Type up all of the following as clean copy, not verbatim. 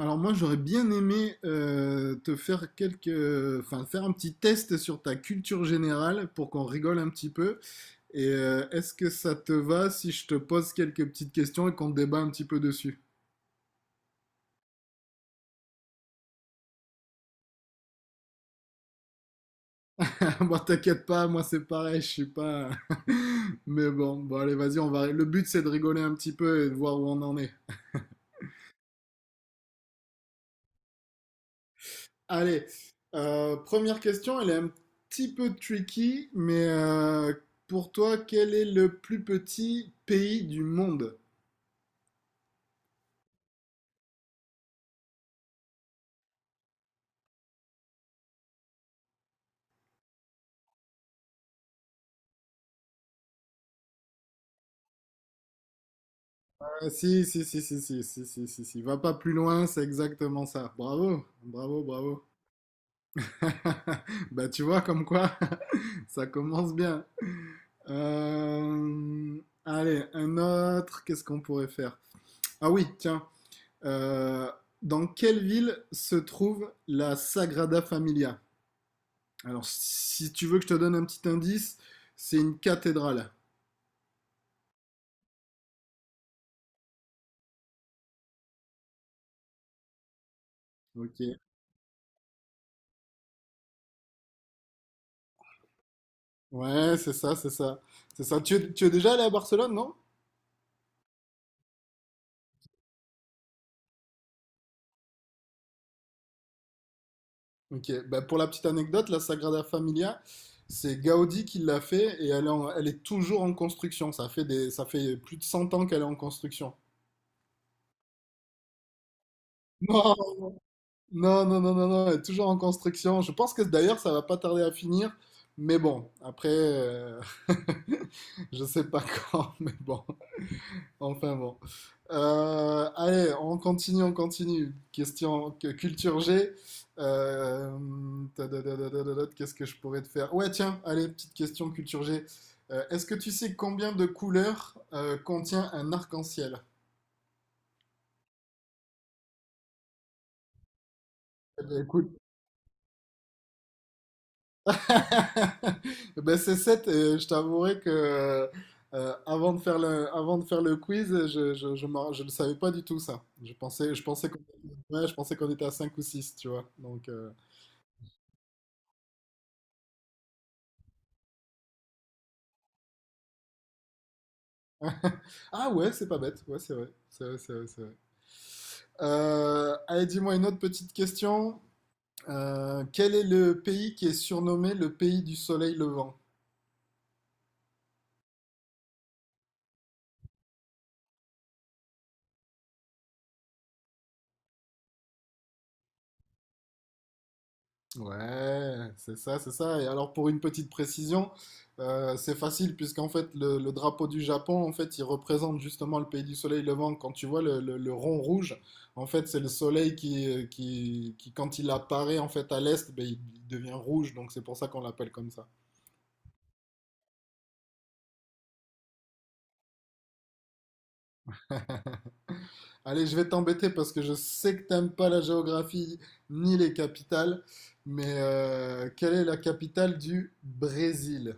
Alors moi j'aurais bien aimé te faire enfin faire un petit test sur ta culture générale pour qu'on rigole un petit peu. Et est-ce que ça te va si je te pose quelques petites questions et qu'on débat un petit peu dessus? Bon t'inquiète pas, moi c'est pareil, je suis pas. Mais bon allez vas-y, on va. Le but c'est de rigoler un petit peu et de voir où on en est. Allez, première question, elle est un petit peu tricky, mais pour toi quel est le plus petit pays du monde? Ah, si, si, si, si, si, si, si, si, si. Va pas plus loin, c'est exactement ça. Bravo, bravo, bravo. Bah, tu vois, comme quoi, ça commence bien. Allez, un autre, qu'est-ce qu'on pourrait faire? Ah oui, tiens. Euh, Dans quelle ville se trouve la Sagrada Familia? Alors, si tu veux que je te donne un petit indice, c'est une cathédrale. Ok. Ouais, c'est ça, c'est ça. C'est ça. Tu es déjà allé à Barcelone, non? Ok, bah, pour la petite anecdote, la Sagrada Familia, c'est Gaudi qui l'a fait et elle est toujours en construction. Ça fait plus de 100 ans qu'elle est en construction. Non, non, non, non, non, non, elle est toujours en construction. Je pense que d'ailleurs, ça va pas tarder à finir. Mais bon, après, je sais pas quand, mais bon. Enfin bon. Allez, on continue, on continue. Question culture G. Euh, Qu'est-ce que je pourrais te faire? Ouais, tiens, allez, petite question culture G. Est-ce que tu sais combien de couleurs contient un arc-en-ciel? Eh ben, écoute, ben, c'est sept. Et je t'avouerai que avant de faire le quiz, je ne savais pas du tout ça. Ouais, je pensais qu'on était à 5 ou 6, tu vois. Donc, Ah ouais, c'est pas bête. Ouais, c'est vrai. C'est vrai, c'est vrai, c'est vrai. Allez, dis-moi une autre petite question. Quel est le pays qui est surnommé le pays du soleil levant? Ouais, c'est ça, c'est ça. Et alors, pour une petite précision, c'est facile puisqu'en fait, le drapeau du Japon, en fait, il représente justement le pays du soleil levant. Quand tu vois le rond rouge, en fait, c'est le soleil quand il apparaît en fait à l'est, ben, il devient rouge. Donc, c'est pour ça qu'on l'appelle comme ça. Allez, je vais t'embêter parce que je sais que t'aimes pas la géographie ni les capitales, mais quelle est la capitale du Brésil?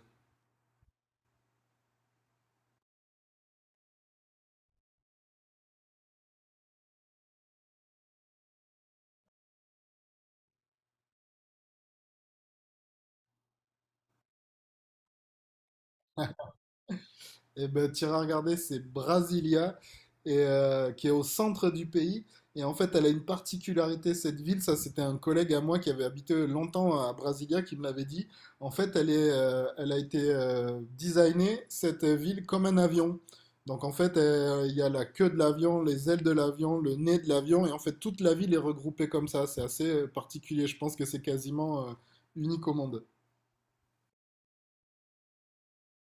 Eh ben, t'iras regarder, c'est Brasilia, qui est au centre du pays. Et en fait, elle a une particularité, cette ville. Ça, c'était un collègue à moi qui avait habité longtemps à Brasilia qui me l'avait dit. En fait, elle a été designée, cette ville, comme un avion. Donc, en fait, il y a la queue de l'avion, les ailes de l'avion, le nez de l'avion. Et en fait, toute la ville est regroupée comme ça. C'est assez particulier. Je pense que c'est quasiment unique au monde.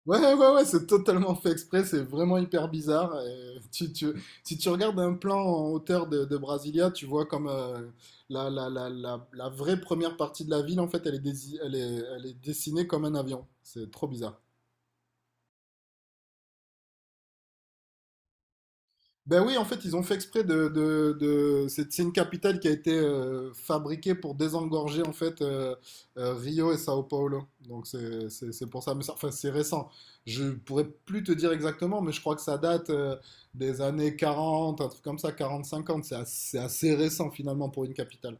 Ouais, ouais, ouais, ouais, c'est totalement fait exprès, c'est vraiment hyper bizarre. Et si tu regardes un plan en hauteur de Brasilia, tu vois comme la vraie première partie de la ville, en fait, elle est, dési- elle est dessinée comme un avion. C'est trop bizarre. Ben oui, en fait, ils ont fait exprès. C'est une capitale qui a été fabriquée pour désengorger en fait Rio et Sao Paulo. Donc c'est pour ça. Mais enfin, c'est récent. Je pourrais plus te dire exactement, mais je crois que ça date des années 40, un truc comme ça, quarante cinquante. C'est assez récent finalement pour une capitale.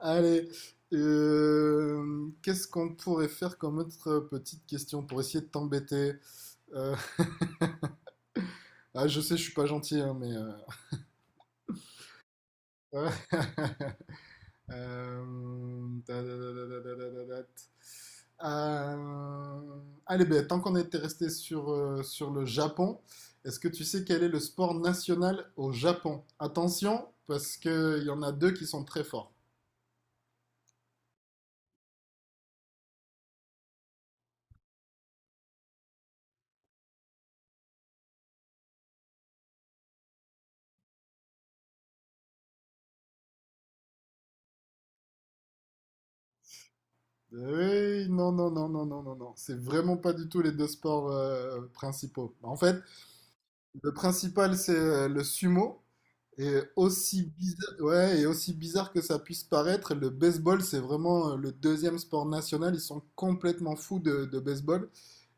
Allez, qu'est-ce qu'on pourrait faire comme autre petite question pour essayer de t'embêter? Euh, ah, je sais, je suis pas gentil, hein, mais euh, Euh, Euh, allez, ben, tant qu'on était resté sur le Japon, est-ce que tu sais quel est le sport national au Japon? Attention, parce qu'il y en a deux qui sont très forts. Oui, non, non, non, non, non, non, non. C'est vraiment pas du tout les deux sports principaux. En fait, le principal, c'est le sumo. Et aussi bizarre, ouais, et aussi bizarre que ça puisse paraître, le baseball, c'est vraiment le deuxième sport national. Ils sont complètement fous de baseball.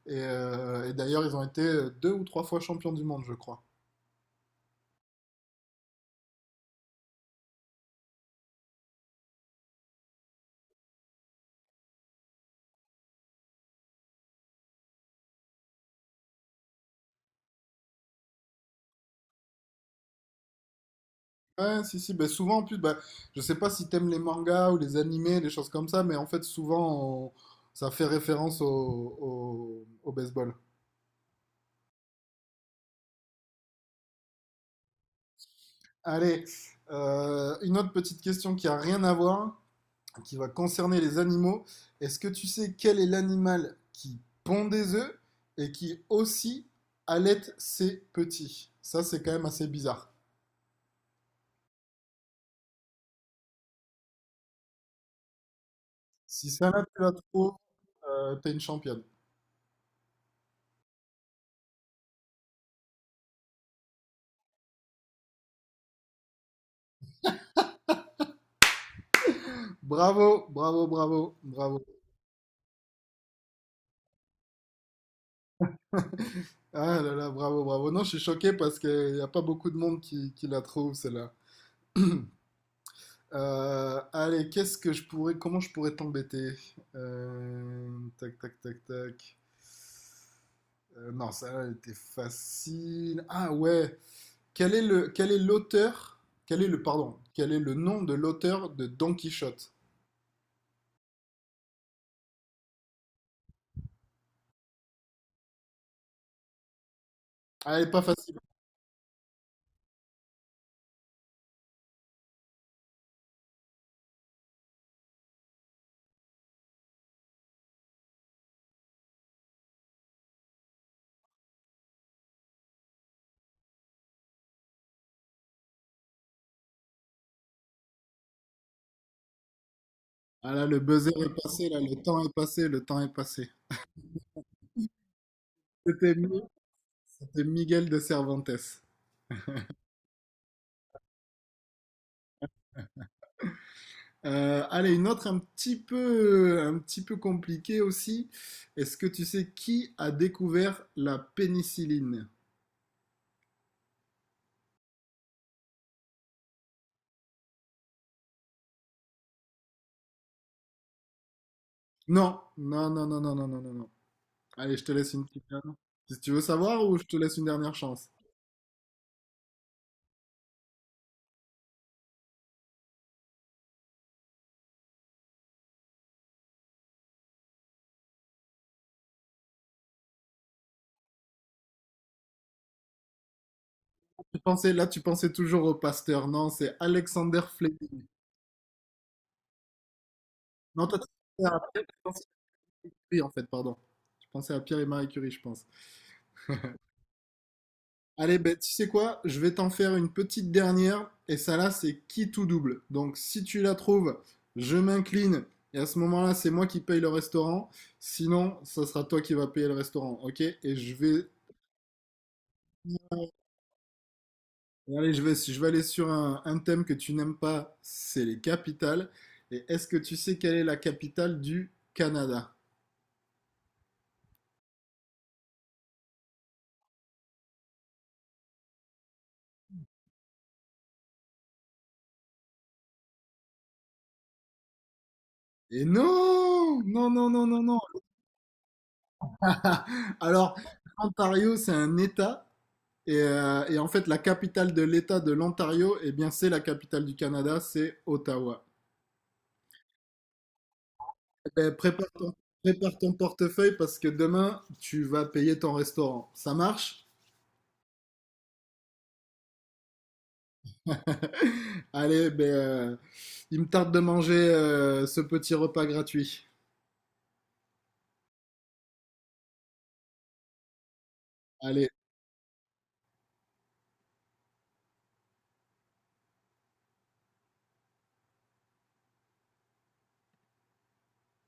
Et d'ailleurs, ils ont été deux ou trois fois champions du monde, je crois. Ouais, si, si. Bah, souvent, en plus, bah, je sais pas si t'aimes les mangas ou les animés, les choses comme ça, mais en fait, souvent, ça fait référence au baseball. Allez, une autre petite question qui a rien à voir. Qui va concerner les animaux. Est-ce que tu sais quel est l'animal qui pond des œufs et qui aussi allait ses petits. Ça, c'est quand même assez bizarre. Si celle-là, tu la trouves, t'es une championne. Bravo, bravo, bravo, bravo. Ah là là, bravo, bravo. Non, je suis choqué parce qu'il n'y a pas beaucoup de monde qui la trouve, celle-là. Allez, qu'est-ce que je pourrais, comment je pourrais t'embêter? Euh, Tac, tac, tac, tac. Non, ça elle était facile. Ah ouais. Quel est l'auteur? Quel est le, pardon, quel est le nom de l'auteur de Don Quichotte? Ah, elle est pas facile. Ah là, le buzzer est passé, là, le temps est passé, le temps est passé. C'était Mi- c'était Miguel de Cervantes. Allez, une autre un petit peu compliquée aussi. Est-ce que tu sais qui a découvert la pénicilline? Non, non, non, non, non, non, non, non, non. Allez, je te laisse une petite. Si tu veux savoir ou je te laisse une dernière chance. Tu pensais toujours au Pasteur. Non, c'est Alexander Fleming. Non, toi, tu pensais à Pierre et Marie Curie, en fait, pardon. Tu pensais à Pierre et Marie Curie, je pense. Allez, ben, tu sais quoi? Je vais t'en faire une petite dernière. Et ça là, c'est qui tout double. Donc si tu la trouves, je m'incline. Et à ce moment-là, c'est moi qui paye le restaurant. Sinon, ça sera toi qui vas payer le restaurant. Ok? Et je vais. Allez, je vais aller sur un thème que tu n'aimes pas, c'est les capitales. Et est-ce que tu sais quelle est la capitale du Canada? Et non! Non, non, non, non, non! Alors, Ontario, c'est un État. Et en fait, la capitale de l'État de l'Ontario, eh bien, c'est la capitale du Canada, c'est Ottawa. Eh ben, prépare ton portefeuille parce que demain, tu vas payer ton restaurant. Ça marche? Allez, ben, il me tarde de manger ce petit repas gratuit. Allez.